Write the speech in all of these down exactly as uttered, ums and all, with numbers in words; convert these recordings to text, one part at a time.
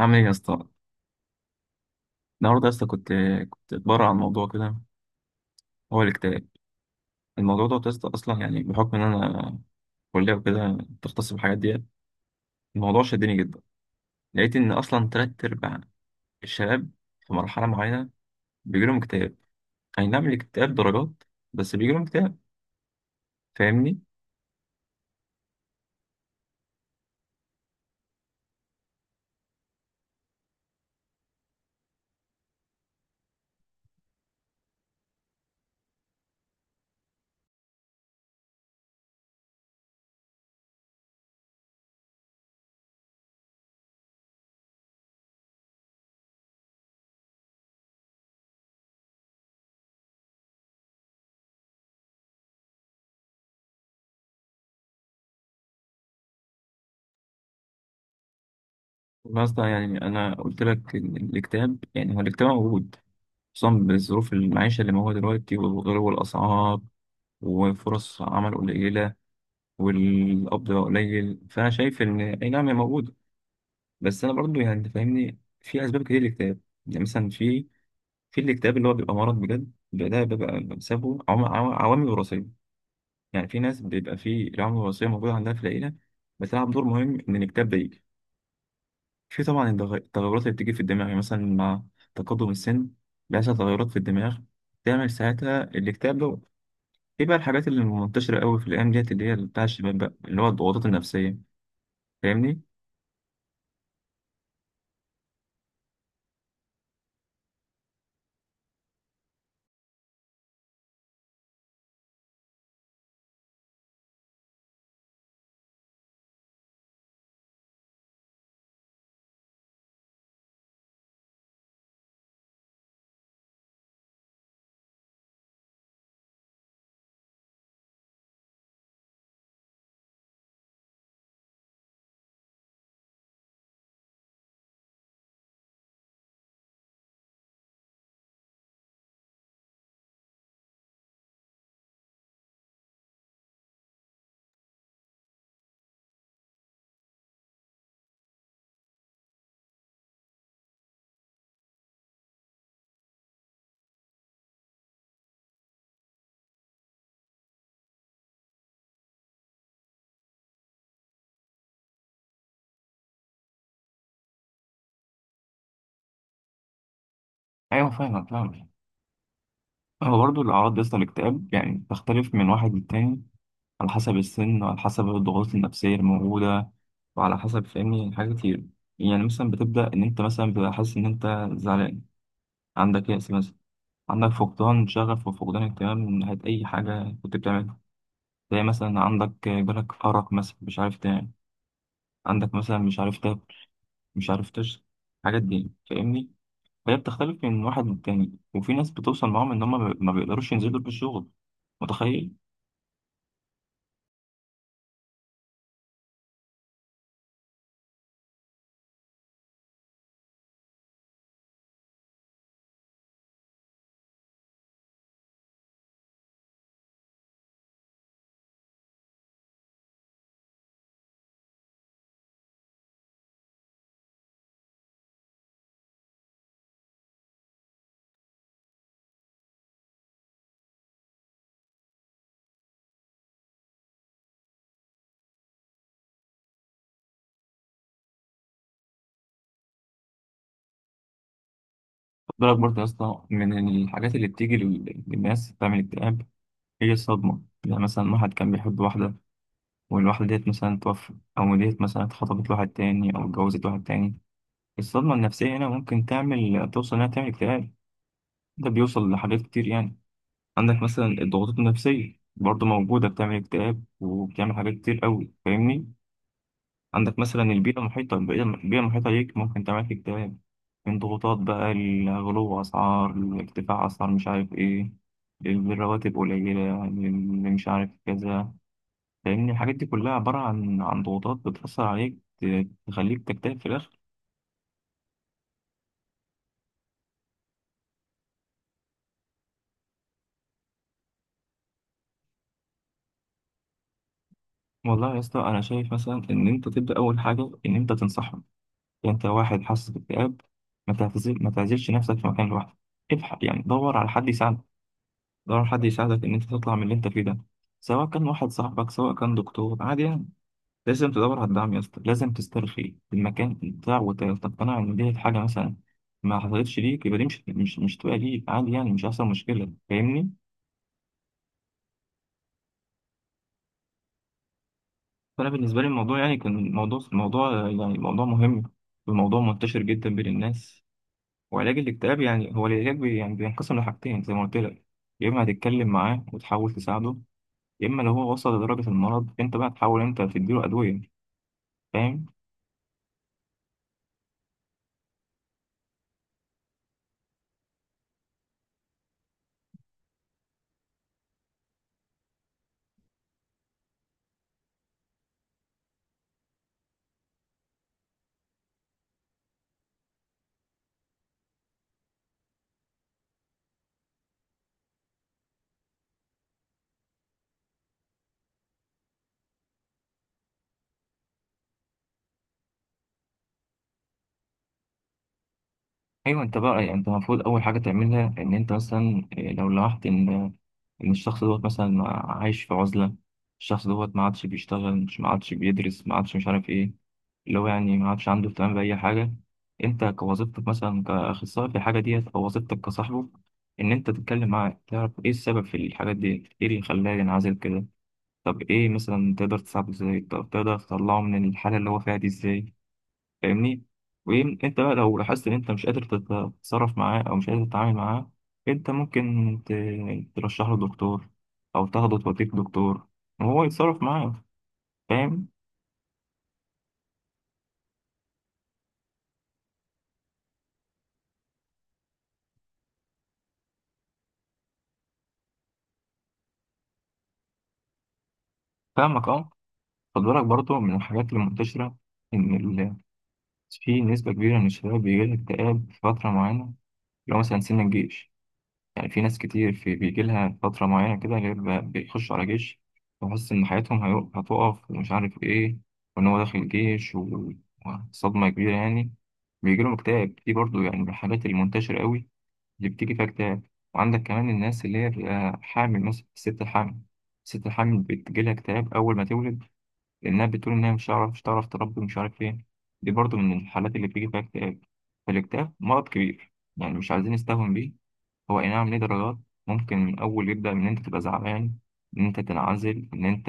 عامل ايه يا اسطى؟ النهارده يا اسطى كنت كنت اتبرع عن موضوع كده، هو الاكتئاب. الموضوع ده يا اسطى اصلا يعني بحكم ان انا كليه وكده بتختص بالحاجات دي. الموضوع شدني جدا. لقيت ان اصلا تلات ارباع الشباب في مرحله معينه بيجيلهم اكتئاب. اي نعم الاكتئاب درجات، بس بيجيلهم اكتئاب. فاهمني؟ اصلا يعني انا قلت لك ان الاكتئاب يعني هو الاكتئاب موجود، خصوصا بظروف المعيشه اللي موجوده دلوقتي وغلو الاسعار وفرص عمل قليله والقبض بقى قليل، فانا شايف ان اي نعم هي موجوده. بس انا برضو يعني انت فاهمني في اسباب كتير للاكتئاب. يعني مثلا في في الاكتئاب اللي هو بيبقى مرض بجد، بيبقى ده بيبقى بسببه عوام- عوام- عوامل وراثيه. يعني في ناس بيبقى في العوامل الوراثيه موجوده عندها في العيله، بتلعب دور مهم ان الاكتئاب ده يجي. في طبعا التغ- التغيرات اللي بتيجي في الدماغ، يعني مثلا مع تقدم السن بيحصل تغيرات في الدماغ تعمل ساعتها الاكتئاب ده. في بقى الحاجات اللي منتشره قوي في الايام ديت اللي هي بتاع الشباب بقى اللي هو الضغوطات النفسيه. فاهمني؟ ايوه فاهمك فاهمك. هو برضه الاعراض بس الاكتئاب يعني تختلف من واحد للتاني، على حسب السن وعلى حسب الضغوط النفسيه الموجوده وعلى حسب فاهمني حاجات كتير. يعني مثلا بتبدا ان انت مثلا بتبقى حاسس ان انت زعلان، عندك يأس مثلا، عندك فقدان شغف وفقدان اهتمام من ناحيه اي حاجه كنت بتعملها. زي مثلا عندك جالك ارق مثلا مش عارف تنام، عندك مثلا مش عارف تاكل مش عارف تشرب، الحاجات دي فاهمني. فهي بتختلف من واحد للتاني وفي ناس بتوصل معاهم ان هم ما ما بيقدروش ينزلوا في الشغل. متخيل؟ خد بالك برضه يا اسطى من الحاجات اللي بتيجي لل- للناس بتعمل اكتئاب، هي الصدمة. يعني مثلا واحد كان بيحب واحدة والواحدة ديت مثلا توفت، أو ديت مثلا اتخطبت لواحد تاني أو اتجوزت واحد تاني، الصدمة النفسية هنا ممكن تعمل توصل إنها تعمل اكتئاب، ده بيوصل لحاجات كتير يعني. عندك مثلا الضغوطات النفسية برضه موجودة، بتعمل اكتئاب وبتعمل حاجات كتير قوي، فاهمني. عندك مثلا البيئة المحيطة البيئة البيئة المحيطة ليك ممكن تعمل لك اكتئاب، من ضغوطات بقى الغلو أسعار، ارتفاع أسعار مش عارف إيه، الرواتب قليلة اللي مش عارف كذا، لأن الحاجات دي كلها عبارة عن عن ضغوطات بتأثر عليك ت- تخليك تكتئب في الآخر. والله يا اسطى أنا شايف مثلا إن أنت تبدأ أول حاجة إن أنت تنصحهم. يعني أنت واحد حاسس باكتئاب، ما تعتزل ما تعزلش نفسك في مكان لوحدك. ابحث يعني دور على حد يساعدك، ضروري حد يساعدك إن أنت تطلع من اللي أنت فيه ده، سواء كان واحد صاحبك سواء كان دكتور عادي يعني. لازم تدور على الدعم يا اسطى، لازم تسترخي المكان بتاع وتقتنع إن دي حاجة مثلا ما حصلتش ليك، يبقى دي مش مش مش تبقى ليك عادي يعني، مش هيحصل مشكلة. فاهمني؟ فأنا بالنسبة لي الموضوع يعني كان موضوع موضوع يعني موضوع مهم، وموضوع منتشر جدا بين الناس. وعلاج الاكتئاب يعني هو العلاج بي- يعني بينقسم لحاجتين زي ما قلت لك، يا إما هتتكلم معاه وتحاول تساعده، يا اما لو هو وصل لدرجه المرض انت بقى تحاول انت تديله ادويه. فاهم؟ ايوه انت بقى يعني انت المفروض اول حاجه تعملها ان انت مثلا إيه، لو لاحظت ان ان الشخص دوت مثلا عايش في عزله، الشخص دوت ما عادش بيشتغل مش ما عادش بيدرس ما عادش مش عارف ايه، اللي هو يعني ما عادش عنده اهتمام باي حاجه. انت كوظيفتك مثلا كاخصائي في الحاجه ديت او وظيفتك كصاحبه ان انت تتكلم معاه تعرف ايه السبب في الحاجات ديت، ايه اللي خلاه ينعزل كده. طب ايه مثلا تقدر تساعده ازاي؟ طب تقدر تطلعه من الحاله اللي هو فيها دي ازاي؟ فاهمني؟ وانت بقى لو لاحظت ان انت مش قادر تتصرف معاه او مش قادر تتعامل معاه، انت ممكن ت- ترشح له دكتور او تاخده توديك دكتور وهو يتصرف معاه. فاهم؟ فاهمك اه. خد بالك برضه من الحاجات المنتشرة ان ال... في نسبة كبيرة من الشباب بيجيلها اكتئاب في فترة معينة، اللي هو مثلا سن الجيش. يعني في ناس كتير في بيجي لها فترة معينة كده، غير ب- بيخشوا على جيش وحس إن حياتهم هيو- هتقف ومش عارف إيه، وإن هو داخل الجيش و- وصدمة كبيرة يعني، بيجي لهم اكتئاب. دي برضو يعني من الحالات المنتشرة قوي اللي بتيجي فيها اكتئاب. وعندك كمان الناس اللي هي بتبقى حامل مثلا، الست الحامل. الست الحامل بتجي لها اكتئاب أول ما تولد، لأنها بتقول إنها مش هتعرف مش هتعرف تربي ومش عارف إيه. دي برضو من الحالات اللي بتيجي فيها اكتئاب. فالاكتئاب مرض كبير يعني، مش عايزين نستهون بيه. هو اي نعم ليه درجات، ممكن من اول يبدا من ان انت تبقى زعلان، ان انت تنعزل، ان انت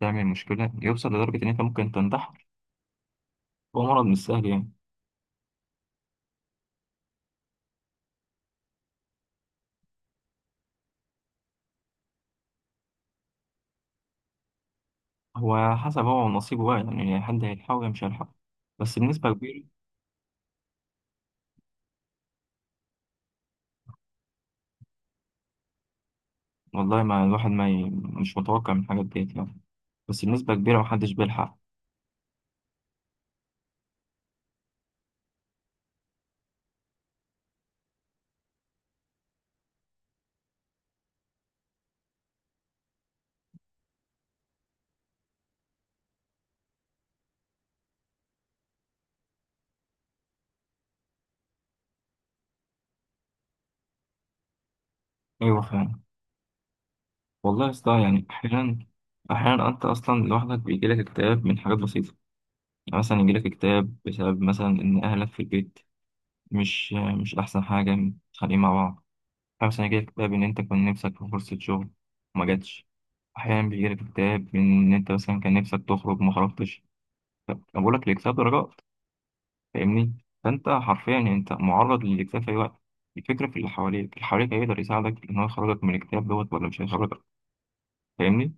تعمل مشكله، يوصل لدرجه ان انت ممكن تنتحر. هو مرض مش سهل يعني. هو حسب هو ونصيبه بقى، يعني يعني حد هيلحقه يا مش هيلحقه، بس بنسبه كبيره. والله ما الواحد ما ي... مش متوقع من حاجه ديت يعني، بس بنسبه كبيره محدش بيلحق. ايوه فعلا. والله يا اسطى يعني احيانا احيانا انت اصلا لوحدك بيجيلك اكتئاب من حاجات بسيطه، يعني مثلا يجيلك اكتئاب بسبب مثلا ان اهلك في البيت مش مش أحسن حاجة متخانقين مع بعض. أحيانا مثلا يجيلك اكتئاب إن أنت كان نفسك في فرصة شغل وما جاتش. أحيانا بيجيلك اكتئاب إن أنت مثلا كان نفسك تخرج وما خرجتش. ف- أنا بقول لك الاكتئاب درجات. فاهمني؟ فأنت حرفيا أنت معرض للاكتئاب في أي وقت. الفكرة في اللي حواليك، اللي حواليك هيقدر يساعدك إن هو يخرجك من الاكتئاب دوت ولا مش هيخرجك. فاهمني؟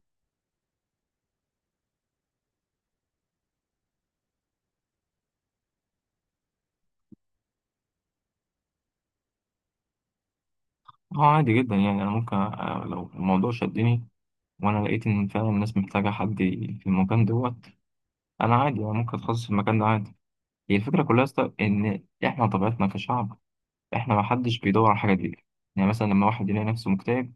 هو عادي جدا، يعني أنا ممكن آه، لو الموضوع شدني وأنا لقيت إن فعلا الناس محتاجة حد في المكان دوت، أنا عادي أنا ممكن أتخصص في المكان ده عادي. هي الفكرة كلها يا اسطى إن إحنا طبيعتنا كشعب، إحنا ما حدش بيدور على الحاجة دي. يعني مثلا لما واحد يلاقي نفسه مكتئب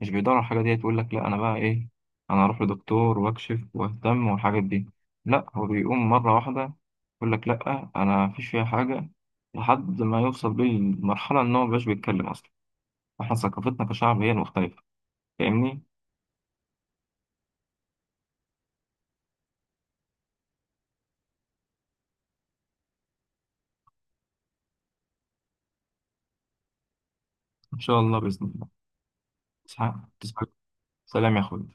مش بيدور على الحاجة دي، يقول لك لا أنا بقى إيه، أنا أروح لدكتور وأكشف وأهتم والحاجات دي، لا هو بيقوم مرة واحدة يقول لك لا أنا مفيش فيها حاجة لحد ما يوصل بيه المرحلة إن هو مبقاش بيتكلم أصلا. إحنا ثقافتنا كشعب هي المختلفة. فاهمني؟ إن شاء الله بإذن الله. إسحاق تسلم. سلام يا أخوي.